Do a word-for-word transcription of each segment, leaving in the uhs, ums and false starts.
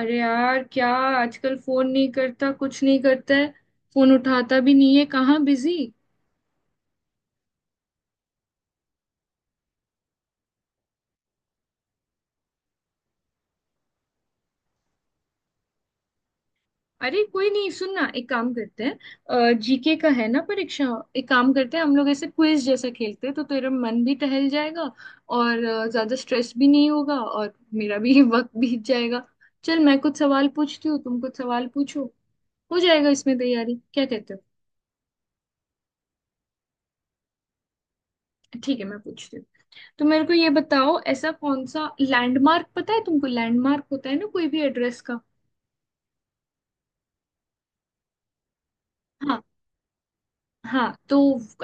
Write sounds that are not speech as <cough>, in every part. अरे यार, क्या आजकल फोन नहीं करता, कुछ नहीं करता है। फोन उठाता भी नहीं है। कहाँ बिजी। अरे कोई नहीं, सुन ना, एक काम करते हैं, जीके का है ना परीक्षा। एक काम करते हैं, हम लोग ऐसे क्विज जैसा खेलते हैं तो तेरा मन भी टहल जाएगा। और अ, ज्यादा स्ट्रेस भी नहीं होगा और मेरा भी <laughs> वक्त बीत जाएगा। चल, मैं कुछ सवाल पूछती हूँ, तुम कुछ सवाल पूछो। हो जाएगा इसमें तैयारी, क्या कहते हो? ठीक है, मैं पूछती हूँ। तो मेरे को ये बताओ, ऐसा कौन सा लैंडमार्क पता है तुमको? लैंडमार्क होता है ना कोई भी एड्रेस का। हाँ, हाँ। तो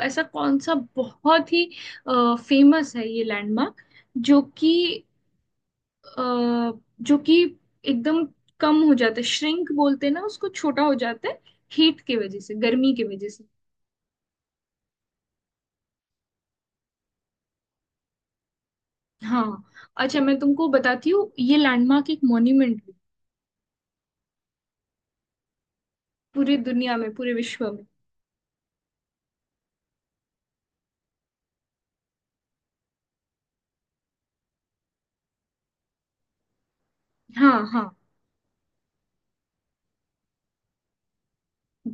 ऐसा कौन सा बहुत ही फेमस है ये लैंडमार्क, जो कि अ, जो कि एकदम कम हो जाता है, श्रिंक बोलते हैं ना उसको, छोटा हो जाता है, हीट की वजह से, गर्मी की वजह से। हाँ, अच्छा मैं तुमको बताती हूँ, ये लैंडमार्क एक मॉन्यूमेंट भी, पूरी दुनिया में, पूरे विश्व में। हाँ, हाँ।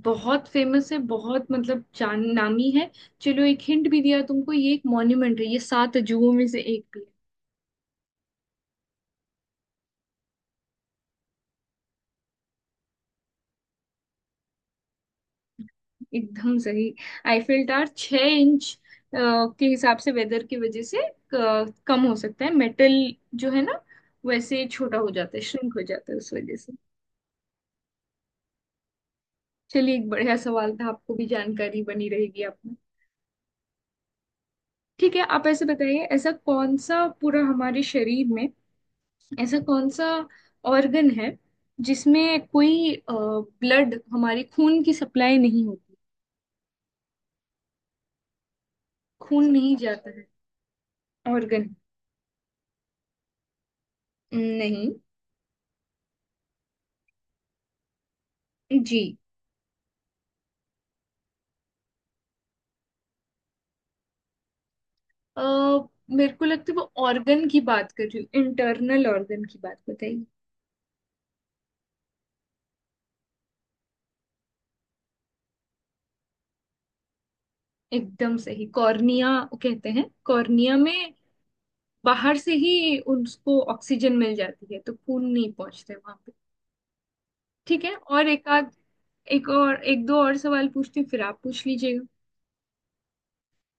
बहुत फेमस है, बहुत मतलब जान नामी है। चलो, एक हिंट भी दिया तुमको, ये एक मॉन्यूमेंट है, ये सात अजूबों में से एक भी है। एकदम सही। आईफिल टावर छह इंच अ, के हिसाब से, वेदर की वजह से अ, कम हो सकता है। मेटल जो है ना, वैसे छोटा हो जाता है, श्रिंक हो जाता है, उस वजह से। चलिए, एक बढ़िया सवाल था, आपको भी जानकारी बनी रहेगी आपने। ठीक है, आप ऐसे बताइए, ऐसा कौन सा पूरा हमारे शरीर में, ऐसा कौन सा ऑर्गन है जिसमें कोई ब्लड, हमारी खून की सप्लाई नहीं होती, खून नहीं जाता है? ऑर्गन? नहीं जी। अ, मेरे को लगता है वो, ऑर्गन की बात कर रही हूँ, इंटरनल ऑर्गन की बात बताइए। एकदम सही, कॉर्निया कहते हैं। कॉर्निया में बाहर से ही उसको ऑक्सीजन मिल जाती है, तो खून नहीं पहुंचते वहां पे। ठीक है, और एक आध एक और एक दो और सवाल पूछती हूँ, फिर आप पूछ लीजिएगा।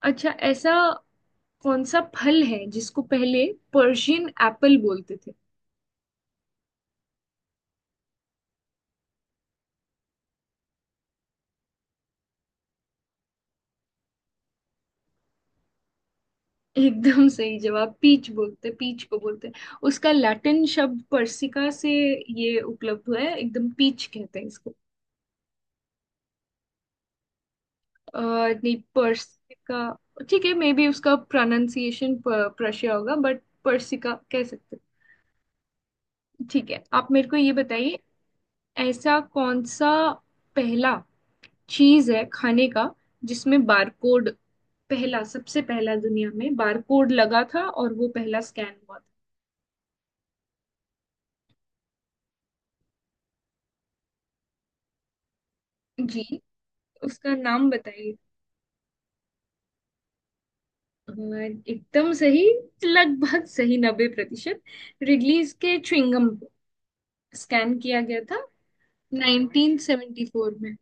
अच्छा, ऐसा कौन सा फल है जिसको पहले पर्शियन एप्पल बोलते थे? एकदम सही जवाब। पीच बोलते, पीच को बोलते। उसका लैटिन शब्द पर्सिका से ये उपलब्ध हुआ है, एकदम पीच कहते हैं इसको। अ, नहीं, पर्सिका। ठीक है, मे बी उसका प्रोनाउंसिएशन प्रशिया होगा, बट पर्सिका कह सकते हैं। ठीक है, आप मेरे को ये बताइए, ऐसा कौन सा पहला चीज है खाने का जिसमें बारकोड, पहला, सबसे पहला दुनिया में बारकोड लगा था और वो पहला स्कैन हुआ था जी? उसका नाम बताइए। अ, एकदम सही। लगभग सही नब्बे प्रतिशत। रिडलीज के च्युइंगम को स्कैन किया गया था नाइन्टीन सेवेंटी फोर में,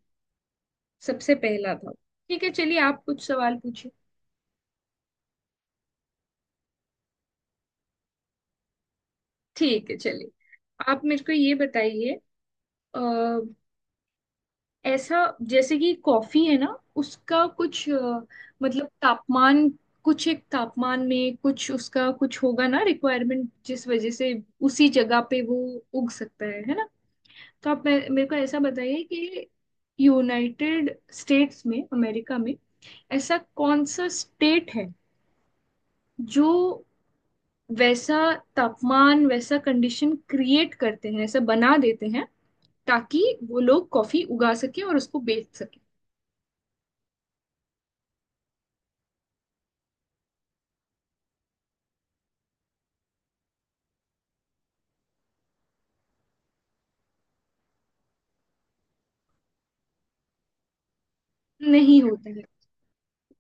सबसे पहला था। ठीक है, चलिए आप कुछ सवाल पूछिए। ठीक है, चलिए, आप मेरे को ये बताइए। ऐसा, जैसे कि कॉफी है ना, उसका कुछ अ, मतलब तापमान, कुछ एक तापमान में कुछ उसका कुछ होगा ना रिक्वायरमेंट, जिस वजह से उसी जगह पे वो उग सकता है है ना? तो आप मे- मेरे को ऐसा बताइए कि यूनाइटेड स्टेट्स में, अमेरिका में, ऐसा कौन सा स्टेट है जो वैसा तापमान, वैसा कंडीशन क्रिएट करते हैं, ऐसा बना देते हैं ताकि वो लोग कॉफी उगा सके और उसको बेच सके? नहीं होता है।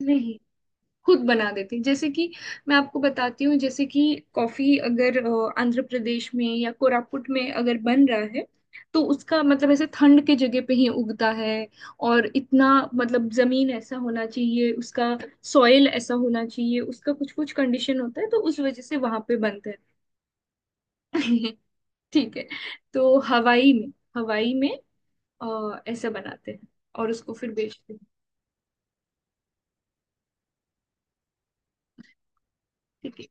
नहीं, खुद बना देती। जैसे कि मैं आपको बताती हूँ, जैसे कि कॉफी अगर अ, आंध्र प्रदेश में या कोरापुट में अगर बन रहा है, तो उसका मतलब ऐसे ठंड के जगह पे ही उगता है। और इतना मतलब जमीन ऐसा होना चाहिए उसका, सॉइल ऐसा होना चाहिए उसका, कुछ कुछ कंडीशन होता है, तो उस वजह से वहां पे बनता है। <laughs> ठीक है, तो हवाई में हवाई में अ, ऐसा बनाते हैं और उसको फिर बेचते हैं। ठीक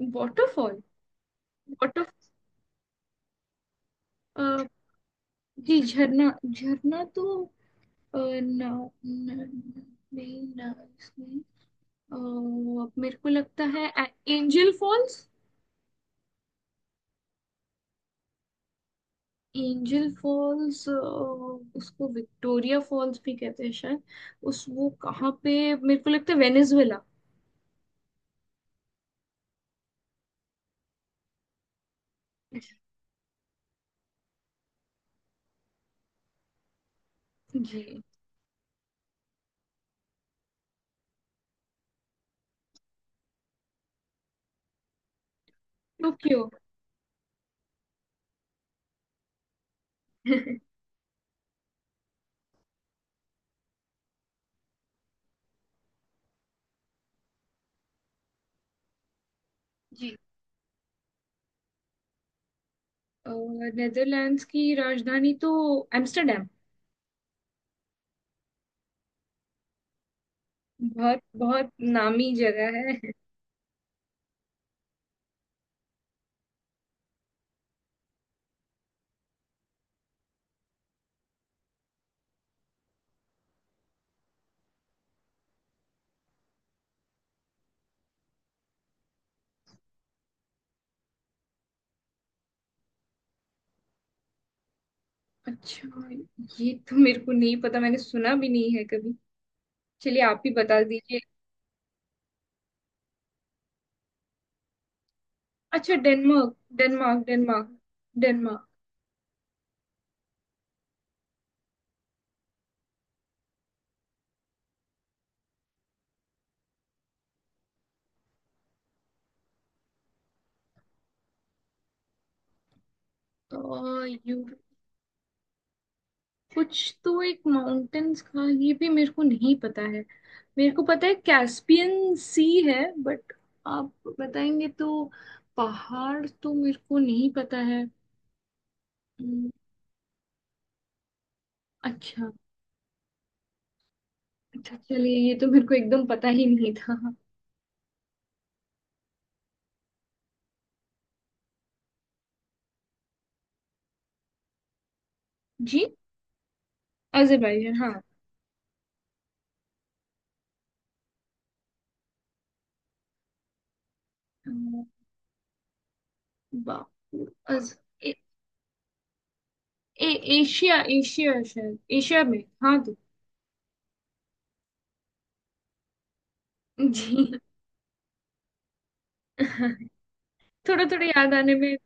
है, वाटरफॉल, वाटर। जी, झरना झरना तो अ, ना, ना, ना, नहीं ना इसमें। अ, मेरे को लगता है एंजल फॉल्स। एंजल फॉल्स, उसको विक्टोरिया फॉल्स भी कहते हैं शायद। उस वो कहाँ पे, मेरे को लगता है वेनेजुएला। जी, टोक्यो। <laughs> जी, नेदरलैंड्स की राजधानी तो एम्स्टरडेम, बहुत बहुत नामी जगह है। अच्छा, ये तो मेरे को नहीं पता, मैंने सुना भी नहीं है कभी। चलिए, आप ही बता दीजिए। अच्छा, डेनमार्क, डेनमार्क, डेनमार्क, डेनमार्क। तो यू, कुछ, तो एक माउंटेन्स का ये भी मेरे को नहीं पता है। मेरे को पता है कैस्पियन सी है, बट आप बताएंगे तो। पहाड़ तो मेरे को नहीं पता है। हम्म। अच्छा, अच्छा, चलिए, ये तो मेरे को एकदम पता ही नहीं था। जी, अजरबैजान, हाँ। अ, बा- अज, ए, ए, एशिया एशिया शायद एशिया में, हाँ तो। जी। <laughs> थोड़ा थोड़ा याद आने में।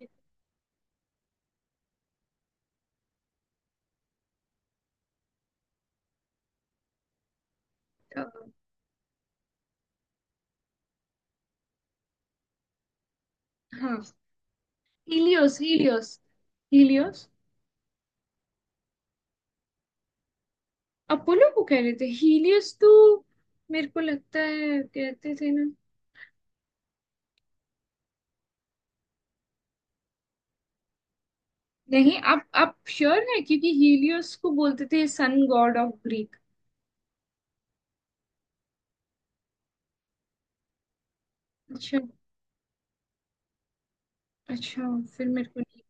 अ, हाँ, हीलियोस, हीलियोस, हीलियोस। अपोलो को कह रहे थे हीलियोस तो, मेरे को लगता है कहते थे ना। नहीं, आप आप श्योर है, क्योंकि हीलियोस को बोलते थे सन गॉड ऑफ ग्रीक। अच्छा, अच्छा, फिर मेरे को नहीं।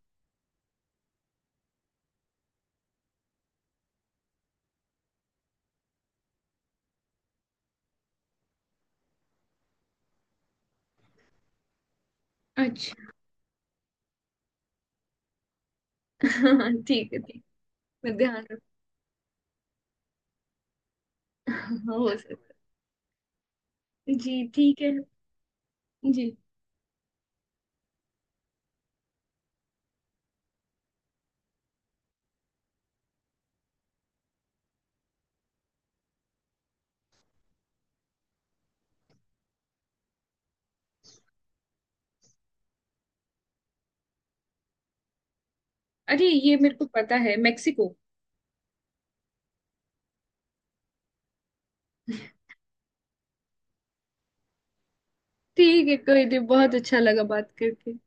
अच्छा। <laughs> ठीक है, ठीक। मैं ध्यान रख <laughs> हो सकता है। जी, ठीक है। जी, अरे ये मेरे को पता है, मेक्सिको। ठीक है, कोई नहीं, बहुत अच्छा लगा बात करके।